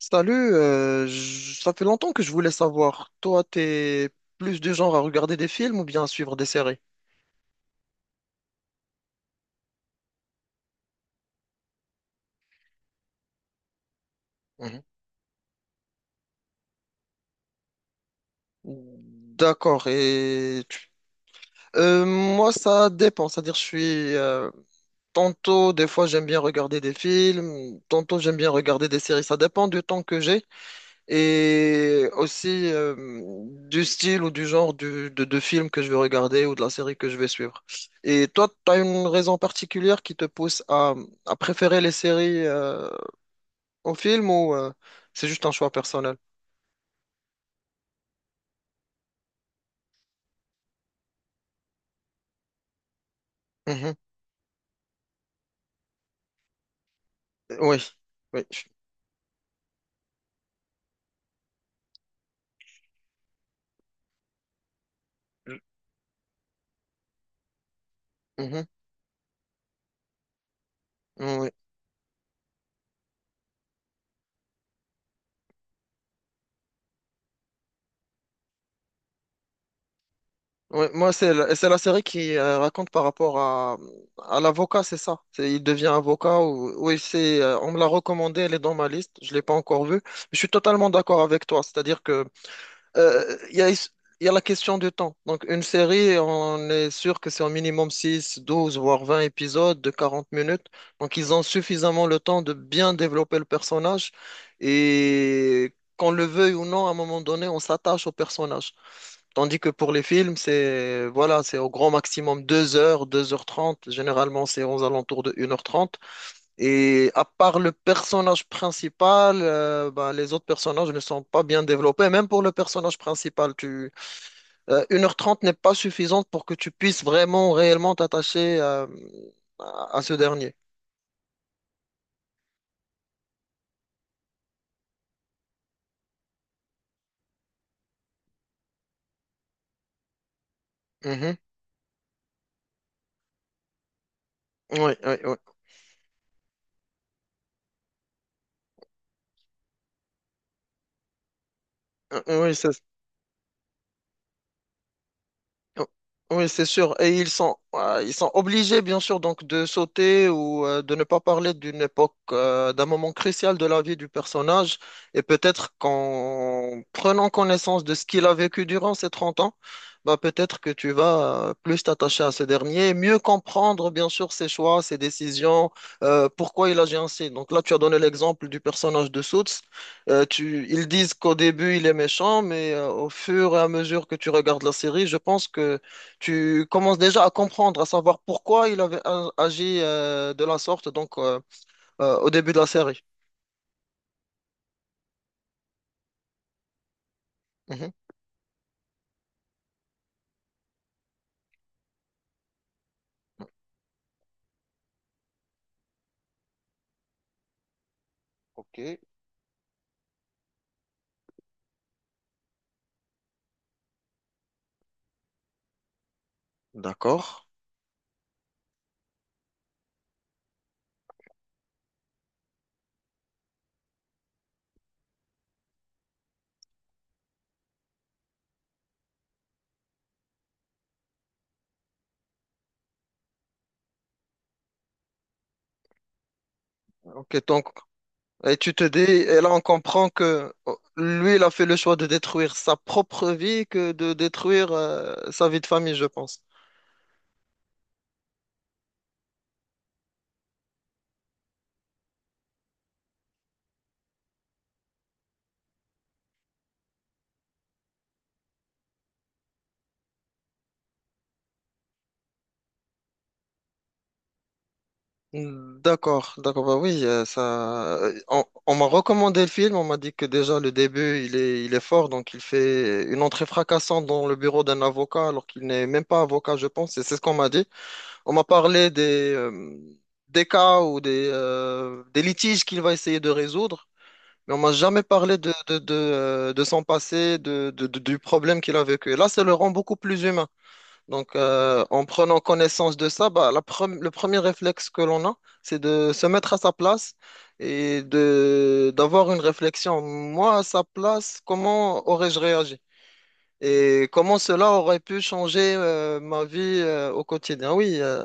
Salut, ça fait longtemps que je voulais savoir, toi, t'es plus du genre à regarder des films ou bien à suivre des séries? Mhm. D'accord. Moi, ça dépend, c'est-à-dire tantôt, des fois, j'aime bien regarder des films, tantôt, j'aime bien regarder des séries, ça dépend du temps que j'ai. Et aussi du style ou du genre de film que je vais regarder ou de la série que je vais suivre. Et toi, tu as une raison particulière qui te pousse à préférer les séries aux films ou c'est juste un choix personnel? Mhm. Oui, oui. Je- mhm. Oui. Oui. Moi, c'est la série qui raconte par rapport à l'avocat, c'est ça. Il devient avocat. Ou, oui, on me l'a recommandé, elle est dans ma liste. Je ne l'ai pas encore vue. Je suis totalement d'accord avec toi. C'est-à-dire que il y a la question du temps. Donc, une série, on est sûr que c'est au minimum 6 12 voire 20 épisodes de 40 minutes. Donc, ils ont suffisamment le temps de bien développer le personnage. Et qu'on le veuille ou non, à un moment donné, on s'attache au personnage. Tandis que pour les films, c'est voilà, c'est au grand maximum 2 heures trente. Généralement, c'est aux alentours de une heure trente, et à part le personnage principal, ben, les autres personnages ne sont pas bien développés. Même pour le personnage principal, 1h30 n'est pas suffisante pour que tu puisses vraiment, réellement t'attacher à ce dernier. Mhm. Oui, oui, oui. Oui, c'est oh, oui, c'est sûr. Et ils sont obligés, bien sûr, donc de sauter ou de ne pas parler d'une époque, d'un moment crucial de la vie du personnage. Et peut-être qu'en prenant connaissance de ce qu'il a vécu durant ces 30 ans, bah, peut-être que tu vas plus t'attacher à ce dernier, et mieux comprendre, bien sûr, ses choix, ses décisions, pourquoi il agit ainsi. Donc là, tu as donné l'exemple du personnage de Suits. Ils disent qu'au début il est méchant, mais au fur et à mesure que tu regardes la série, je pense que tu commences déjà à comprendre, à savoir pourquoi il avait agi de la sorte, donc au début de la série. Mhm. Ok. D'accord. Ok, donc, et tu te dis, et là on comprend que oh, lui, il a fait le choix de détruire sa propre vie que de détruire sa vie de famille, je pense. D'accord, d'accord, bah oui, ça. On m'a recommandé le film, on m'a dit que déjà le début il est fort, donc il fait une entrée fracassante dans le bureau d'un avocat alors qu'il n'est même pas avocat, je pense, et c'est ce qu'on m'a dit. On m'a parlé des cas ou des litiges qu'il va essayer de résoudre, mais on m'a jamais parlé de son passé, du problème qu'il a vécu. Et là, ça le rend beaucoup plus humain. Donc, en prenant connaissance de ça, bah, le premier réflexe que l'on a, c'est de se mettre à sa place et de d'avoir une réflexion. Moi, à sa place, comment aurais-je réagi? Et comment cela aurait pu changer ma vie au quotidien? Oui, euh,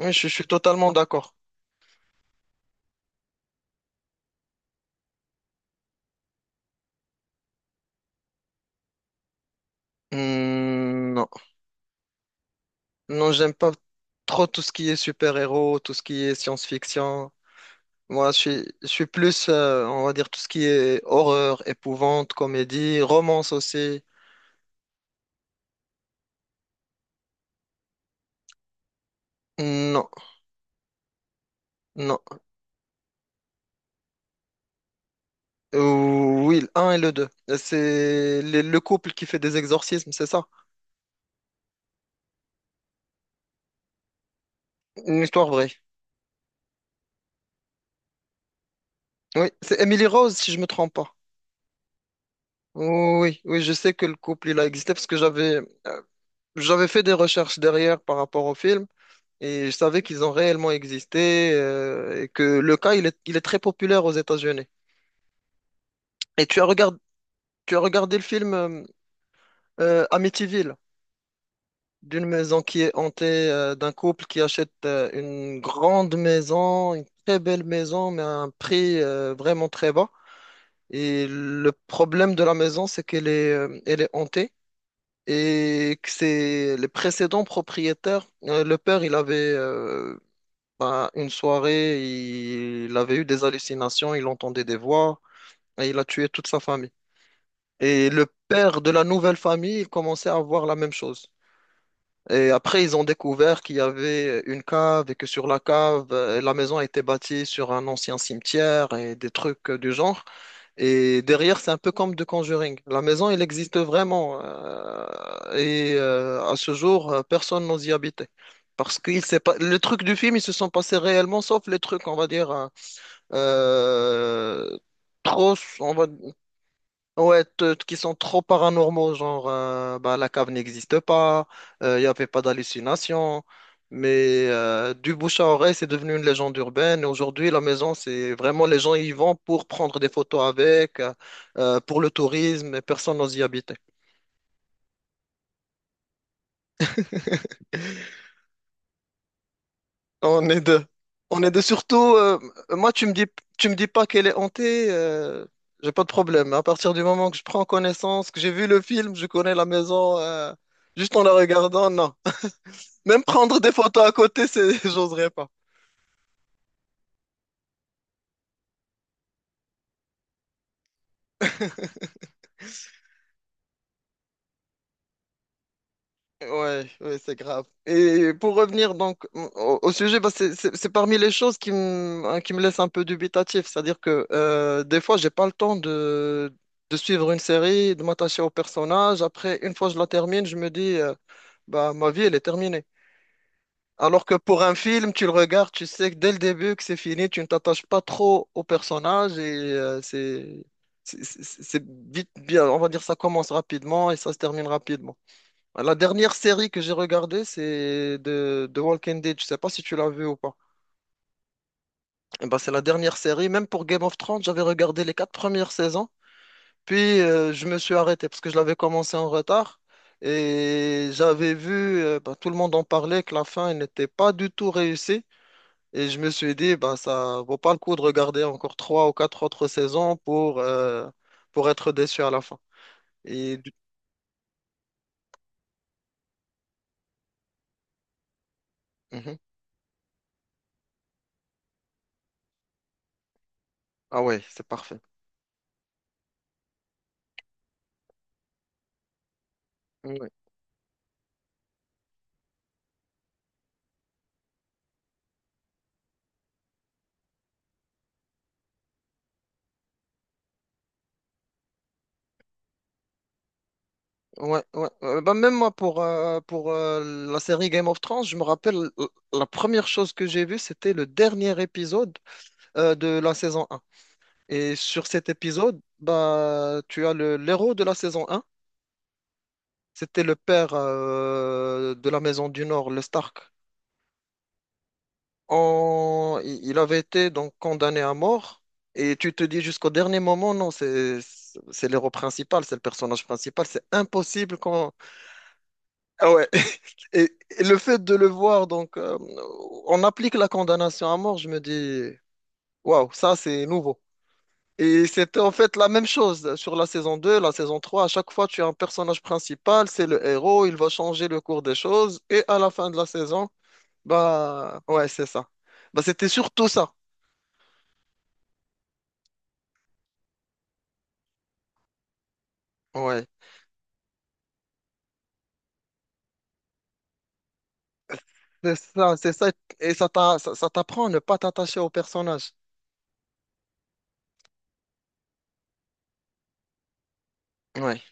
oui, je suis totalement d'accord. Hmm, non, non, j'aime pas trop tout ce qui est super-héros, tout ce qui est science-fiction. Moi, je suis plus, on va dire, tout ce qui est horreur, épouvante, comédie, romance aussi. Non, non. Euh, oui, le 1 et le 2. C'est le couple qui fait des exorcismes, c'est ça? Une histoire vraie. Oui, c'est Emily Rose, si je me trompe pas. Oui, oui, je sais que le couple, il a existé parce que euh, j'avais fait des recherches derrière par rapport au film et je savais qu'ils ont réellement existé, et que le cas, il est très populaire aux États-Unis. Et tu as regardé le film, Amityville, d'une maison qui est hantée, d'un couple qui achète une grande maison, une très belle maison, mais à un prix vraiment très bas. Et le problème de la maison, c'est qu'elle est hantée et que c'est les précédents propriétaires. Le père, il avait bah, une soirée, il avait eu des hallucinations, il entendait des voix et il a tué toute sa famille. Et le père de la nouvelle famille, il commençait à voir la même chose. Et après, ils ont découvert qu'il y avait une cave et que sur la cave, la maison a été bâtie sur un ancien cimetière et des trucs du genre. Et derrière, c'est un peu comme The Conjuring. La maison, elle existe vraiment. Et à ce jour, personne n'ose y habiter. Parce que s'est pas, les trucs du film, ils se sont passés réellement, sauf les trucs, on va dire, euh, trop, on va ouais, qui sont trop paranormaux, genre bah, la cave n'existe pas, il n'y avait pas d'hallucination, mais du bouche à oreille, c'est devenu une légende urbaine. Et aujourd'hui, la maison, c'est vraiment les gens y vont pour prendre des photos pour le tourisme, et personne n'ose y habiter. On est deux. On est deux surtout. Moi, tu me dis pas qu'elle est hantée, j'ai pas de problème. À partir du moment que je prends connaissance, que j'ai vu le film, je connais la maison, juste en la regardant, non. Même prendre des photos à côté, j'oserais pas. Ouais, ouais, c'est grave. Et pour revenir donc au sujet, bah, c'est parmi les choses qui me, hein, qui me laissent un peu dubitatif. C'est-à-dire que des fois, j'ai pas le temps de suivre une série, de m'attacher au personnage. Après, une fois que je la termine, je me dis, bah, ma vie, elle est terminée. Alors que pour un film, tu le regardes, tu sais que dès le début que c'est fini, tu ne t'attaches pas trop au personnage et c'est vite bien, on va dire ça commence rapidement et ça se termine rapidement. La dernière série que j'ai regardée, c'est de The Walking Dead. Je sais pas si tu l'as vu ou pas. Eh ben, c'est la dernière série. Même pour Game of Thrones, j'avais regardé les quatre premières saisons, puis je me suis arrêté parce que je l'avais commencé en retard. Et j'avais vu, ben, tout le monde en parlait, que la fin elle n'était pas du tout réussie. Et je me suis dit, bah, ça vaut pas le coup de regarder encore trois ou quatre autres saisons pour être déçu à la fin. Et du- Mhm. Ah ouais, c'est parfait. Ouais, ouais, ouais. Bah, même moi, pour la série Game of Thrones, je me rappelle, la première chose que j'ai vue, c'était le dernier épisode de la saison un. Et sur cet épisode, bah, tu as le l'héros de la saison un. C'était le père de la Maison du Nord, le Stark. Il avait été donc condamné à mort. Et tu te dis jusqu'au dernier moment, non, c'est l'héros principal, c'est le personnage principal, c'est impossible qu'on... Ah ouais. Et le fait de le voir, donc, on applique la condamnation à mort, je me dis, waouh, ça c'est nouveau. Et c'était en fait la même chose sur la saison deux, la saison trois. À chaque fois, tu as un personnage principal, c'est le héros, il va changer le cours des choses. Et à la fin de la saison, bah, ouais, c'est ça. Bah, c'était surtout ça. Ouais. C'est ça, et ça t'apprend à ne pas t'attacher au personnage. Oui,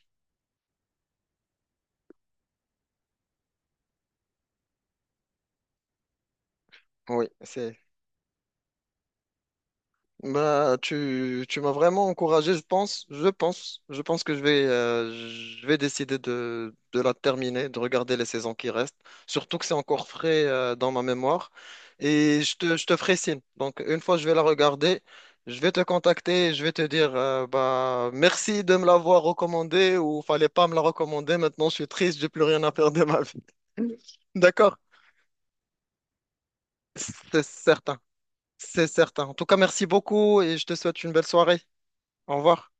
oui, c'est. Bah, tu m'as vraiment encouragé, je pense que je vais décider de la terminer, de regarder les saisons qui restent, surtout que c'est encore frais, dans ma mémoire, et je te ferai signe. Donc, une fois que je vais la regarder, je vais te contacter, je vais te dire, bah, merci de me l'avoir recommandé ou fallait pas me la recommander, maintenant je suis triste, j'ai plus rien à faire de ma vie. D'accord? C'est certain. C'est certain. En tout cas, merci beaucoup et je te souhaite une belle soirée. Au revoir.